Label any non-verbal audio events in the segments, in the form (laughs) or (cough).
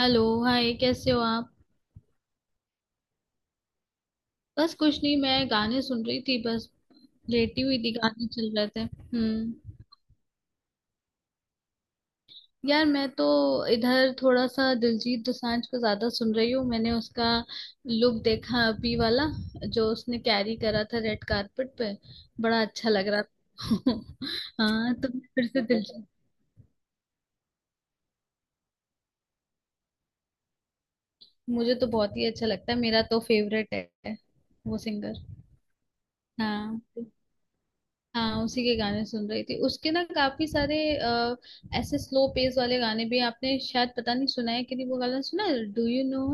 Hello. Hi, कैसे हो आप? बस कुछ नहीं, मैं गाने सुन रही थी बस। लेटी हुई थी, गाने चल रहे थे। हम्म। यार मैं तो इधर थोड़ा सा दिलजीत दोसांझ को ज्यादा सुन रही हूँ। मैंने उसका लुक देखा अभी वाला, जो उसने कैरी करा था रेड कारपेट पे। बड़ा अच्छा लग रहा था। (laughs) हाँ, तो मैं फिर से दिलजीत। मुझे तो बहुत ही अच्छा लगता है, मेरा तो फेवरेट है वो सिंगर। हाँ। हाँ उसी के गाने सुन रही थी। उसके ना काफी सारे ऐसे स्लो पेस वाले गाने भी हैं। आपने शायद पता नहीं सुना है कि नहीं, वो गाना सुना है, डू यू नो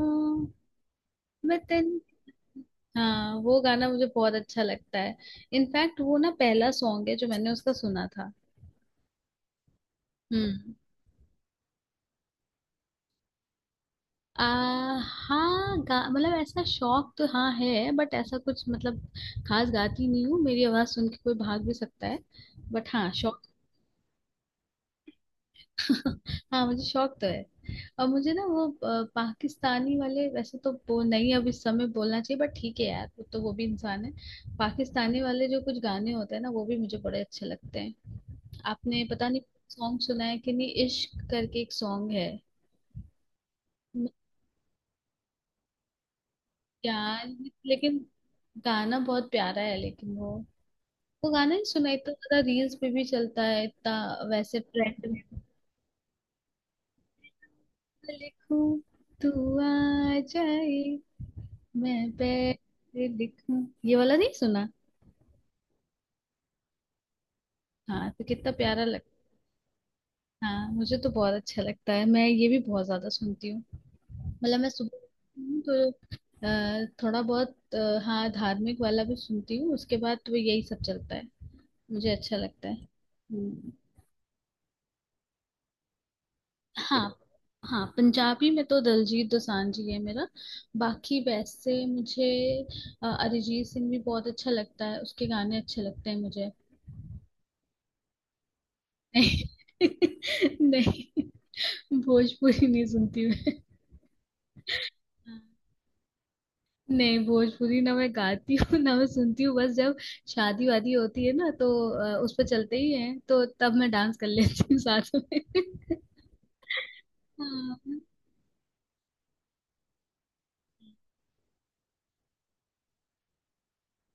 वतन? हाँ, वो गाना मुझे बहुत अच्छा लगता है। इनफैक्ट वो ना पहला सॉन्ग है जो मैंने उसका सुना था। हम्म। आ, हाँ, गा मतलब ऐसा शौक तो हाँ है, बट ऐसा कुछ मतलब खास गाती नहीं हूँ। मेरी आवाज सुन के कोई भाग भी सकता है। बट हाँ, शौक। (laughs) हाँ, मुझे शौक तो है। और मुझे ना वो पाकिस्तानी वाले, वैसे तो वो नहीं अब इस समय बोलना चाहिए, बट ठीक है यार, वो तो वो भी इंसान है। पाकिस्तानी वाले जो कुछ गाने होते हैं ना, वो भी मुझे बड़े अच्छे लगते हैं। आपने पता नहीं सॉन्ग सुना है कि नहीं, इश्क करके एक सॉन्ग है यार। लेकिन गाना बहुत प्यारा है, लेकिन वो गाना ही सुना इतना ज्यादा, रील्स पे भी चलता है इतना। वैसे ट्रेंड में, लिखूं तू आ जाए मैं पे दिखूं, ये वाला नहीं सुना? हाँ, तो कितना प्यारा लगता। हाँ मुझे तो बहुत अच्छा लगता है, मैं ये भी बहुत ज्यादा सुनती हूँ। मतलब मैं सुबह उठती हूँ तो थोड़ा बहुत हाँ, धार्मिक वाला भी सुनती हूँ। उसके बाद तो यही सब चलता है। मुझे अच्छा लगता है। हम्म। हाँ। हाँ पंजाबी में तो दलजीत दोसांझ जी है मेरा। बाकी वैसे मुझे अरिजीत सिंह भी बहुत अच्छा लगता है, उसके गाने अच्छे लगते हैं मुझे। (laughs) नहीं, भोजपुरी नहीं सुनती मैं। नहीं, भोजपुरी ना मैं गाती हूँ ना मैं सुनती हूँ। बस जब शादी वादी होती है ना तो उस पर चलते ही हैं, तो तब मैं डांस कर लेती हूँ साथ में। (laughs) हाँ।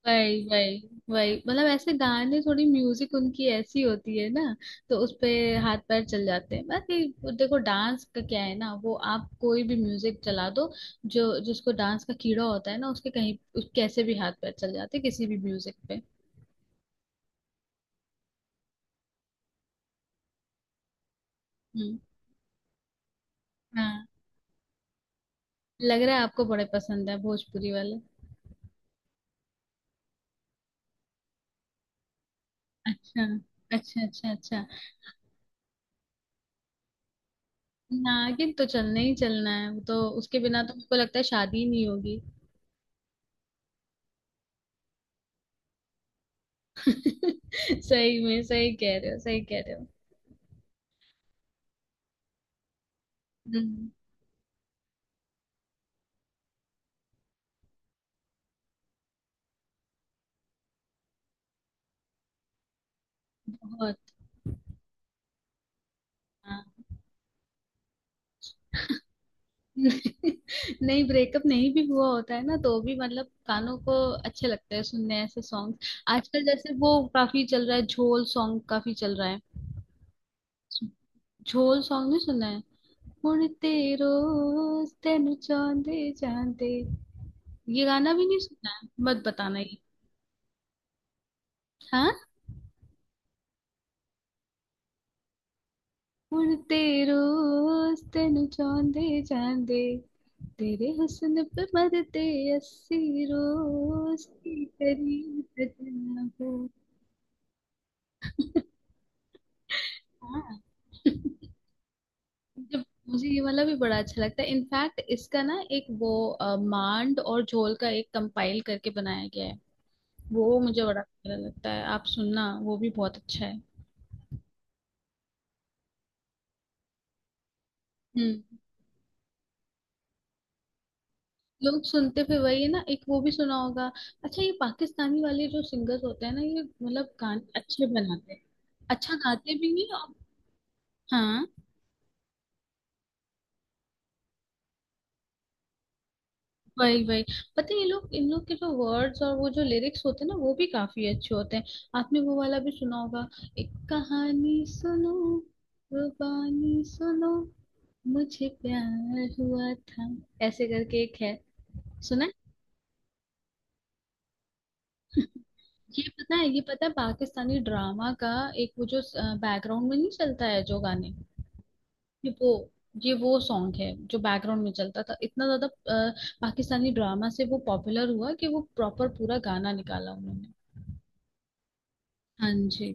वही वही वही मतलब ऐसे गाने, थोड़ी म्यूजिक उनकी ऐसी होती है ना, तो उस पे हाथ पैर चल जाते हैं। बाकी देखो, डांस का क्या है ना, वो आप कोई भी म्यूजिक चला दो, जो जिसको डांस का कीड़ा होता है ना, उसके कहीं कैसे भी हाथ पैर चल जाते हैं किसी भी म्यूजिक पे। हम्म। हाँ, लग रहा है आपको बड़े पसंद है भोजपुरी वाले। अच्छा, अच्छा, अच्छा। अच्छा, नागिन तो चलना ही चलना है, वो तो उसके बिना तो मुझको लगता है शादी ही नहीं होगी। (laughs) सही में, सही कह रहे हो, सही कह रहे हो। हम्म। बहुत। हाँ। (laughs) नहीं, ब्रेकअप नहीं भी हुआ होता है ना तो भी मतलब कानों को अच्छे लगते हैं सुनने ऐसे सॉन्ग। आजकल जैसे वो काफी चल रहा है, झोल सॉन्ग काफी चल रहा है। झोल सॉन्ग नहीं सुना? मुड़ तेरो, तेनु चांदे चांदे, ये गाना भी नहीं सुना है? मत बताना ये। हाँ, मुड़ तेरो, तेनु चांदे चांदे, तेरे हुस्न पे मरते अस्सी रोज की करीब सजना हो। हाँ। जब, मुझे ये वाला भी बड़ा अच्छा लगता है। इनफैक्ट इसका ना एक वो मांड और झोल का एक कंपाइल करके बनाया गया है। वो मुझे बड़ा अच्छा लगता है, आप सुनना, वो भी बहुत अच्छा है। हम्म। लोग सुनते फिर वही है ना, एक वो भी सुना होगा। अच्छा ये पाकिस्तानी वाले जो सिंगर्स होते हैं ना, ये मतलब गाने अच्छे बनाते हैं। अच्छा गाते भी हैं और। हाँ। वही वही पता है, ये लोग, इन लोग के जो वर्ड्स और वो जो लिरिक्स होते हैं ना, वो भी काफी अच्छे होते हैं। आपने वो वाला भी सुना होगा, एक कहानी सुनो, रुबानी सुनो, मुझे प्यार हुआ था, ऐसे करके एक है। सुना है? ये पता है, ये पता है पाकिस्तानी ड्रामा का, एक वो जो बैकग्राउंड में नहीं चलता है जो गाने। ये वो ये वो सॉन्ग है जो बैकग्राउंड में चलता था इतना ज्यादा। पाकिस्तानी ड्रामा से वो पॉपुलर हुआ कि वो प्रॉपर पूरा गाना निकाला उन्होंने। हाँ जी।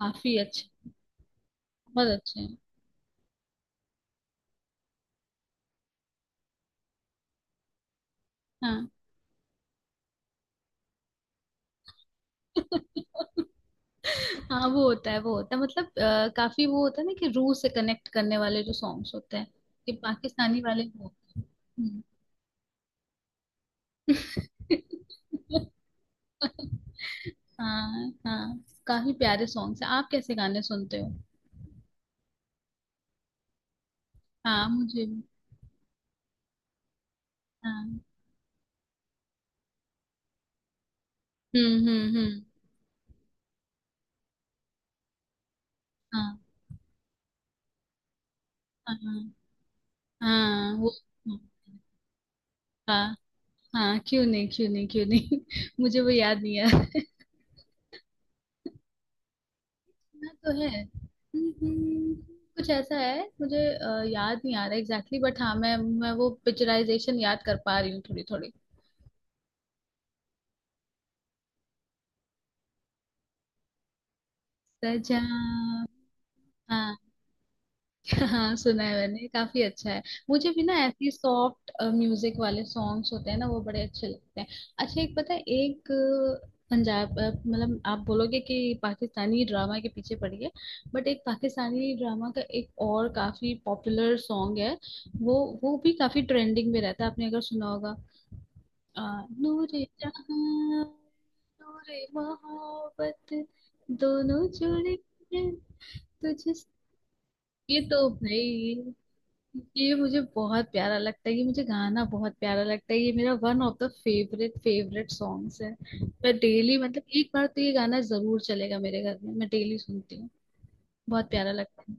काफी अच्छे, बहुत अच्छे हैं। हाँ। हाँ, वो होता है, मतलब काफी वो होता है ना कि रूह से कनेक्ट करने वाले जो सॉन्ग्स होते हैं, कि पाकिस्तानी वाले वो। हम्म। (laughs) हाँ हाँ, काफी प्यारे सॉन्ग्स हैं। आप कैसे गाने सुनते हो? हाँ मुझे भी। हाँ। हम्म। हाँ। हाँ हाँ, वो, हाँ। हाँ, क्यों नहीं, क्यों नहीं। (laughs) मुझे वो याद नहीं है। ना तो है। हम्म। हम्म। कुछ ऐसा है, मुझे याद नहीं आ रहा एग्जैक्टली, बट हाँ मैं वो पिक्चराइजेशन याद कर पा रही हूँ थोड़ी थोड़ी। सजा। हाँ। हाँ सुना है मैंने, काफी अच्छा है। मुझे भी ना ऐसी सॉफ्ट म्यूजिक वाले सॉन्ग्स होते हैं ना, वो बड़े अच्छे लगते हैं। अच्छा एक पता है, एक पंजाब मतलब आप बोलोगे कि पाकिस्तानी ड्रामा के पीछे पड़ी है, बट एक पाकिस्तानी ड्रामा का एक और काफी पॉपुलर सॉन्ग है। वो वो भी काफी ट्रेंडिंग में रहता है। आपने अगर सुना होगा, अ, नूरे जहां, नूरे मोहब्बत, दोनों जुड़े हैं तुझसे। ये तो भाई, ये मुझे बहुत प्यारा लगता है, ये मुझे गाना बहुत प्यारा लगता है, ये मेरा one of the favourite favourite songs है। मैं डेली मतलब, एक बार तो ये गाना जरूर चलेगा मेरे घर में, मैं डेली सुनती हूँ। बहुत प्यारा लगता है।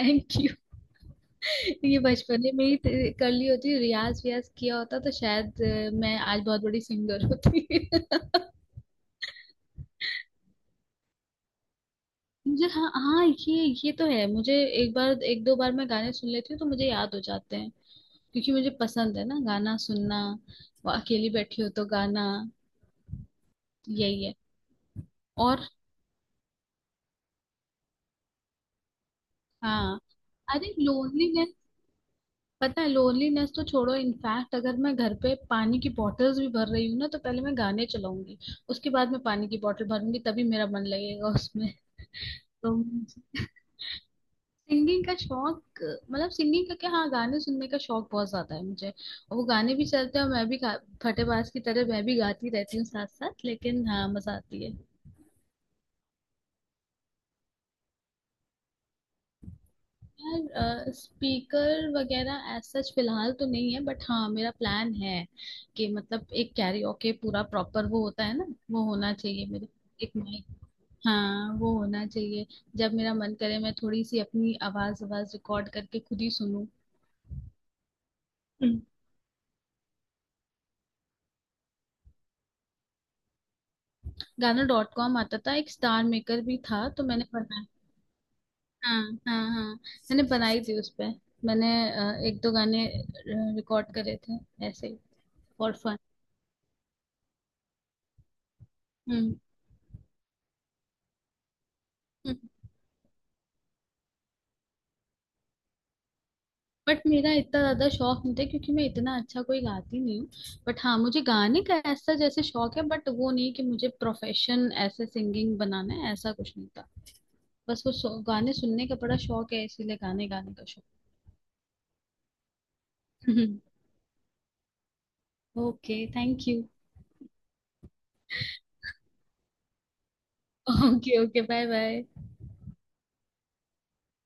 Thank you. (laughs) ये बचपन में ही कर ली होती रियाज वियाज किया होता, तो शायद मैं आज बहुत बड़ी सिंगर होती। (laughs) मुझे, हाँ हाँ, ये तो है मुझे, एक बार एक दो बार मैं गाने सुन लेती हूँ तो मुझे याद हो जाते हैं, क्योंकि मुझे पसंद है ना गाना सुनना। वो अकेली बैठी हो तो गाना यही है। और हाँ। अरे लोनलीनेस, पता है लोनलीनेस तो छोड़ो, इनफैक्ट अगर मैं घर पे पानी की बॉटल्स भी भर रही हूँ ना, तो पहले मैं गाने चलाऊंगी उसके बाद मैं पानी की बॉटल भरूंगी, तभी मेरा मन लगेगा उसमें। तो सिंगिंग का शौक, मतलब सिंगिंग का क्या, हाँ गाने सुनने का शौक बहुत ज्यादा है मुझे, और वो गाने भी चलते हैं और मैं भी फटेबाज की तरह मैं भी गाती रहती हूँ साथ साथ, लेकिन हाँ मजा आती है। यार स्पीकर वगैरह एज सच फिलहाल तो नहीं है, बट हाँ मेरा प्लान है कि मतलब एक कैरियोके पूरा प्रॉपर वो होता है ना, वो होना चाहिए मेरे, एक माइक। हाँ, वो होना चाहिए, जब मेरा मन करे मैं थोड़ी सी अपनी आवाज आवाज रिकॉर्ड करके खुद ही सुनूं। गाना.com आता था, एक StarMaker भी था, तो मैंने बनाया। हाँ। हाँ, मैंने बनाई थी उस पे, मैंने 1-2 गाने रिकॉर्ड करे थे, ऐसे फॉर फन। बट मेरा इतना ज्यादा शौक नहीं था, क्योंकि मैं इतना अच्छा कोई गाती नहीं हूँ। बट हाँ, मुझे गाने का ऐसा जैसे शौक है, बट वो नहीं कि मुझे प्रोफेशन ऐसे सिंगिंग बनाना है, ऐसा कुछ नहीं था। बस वो गाने सुनने का बड़ा शौक है, इसीलिए गाने गाने का शौक। (laughs) Okay, thank you. Okay okay, bye bye. (laughs)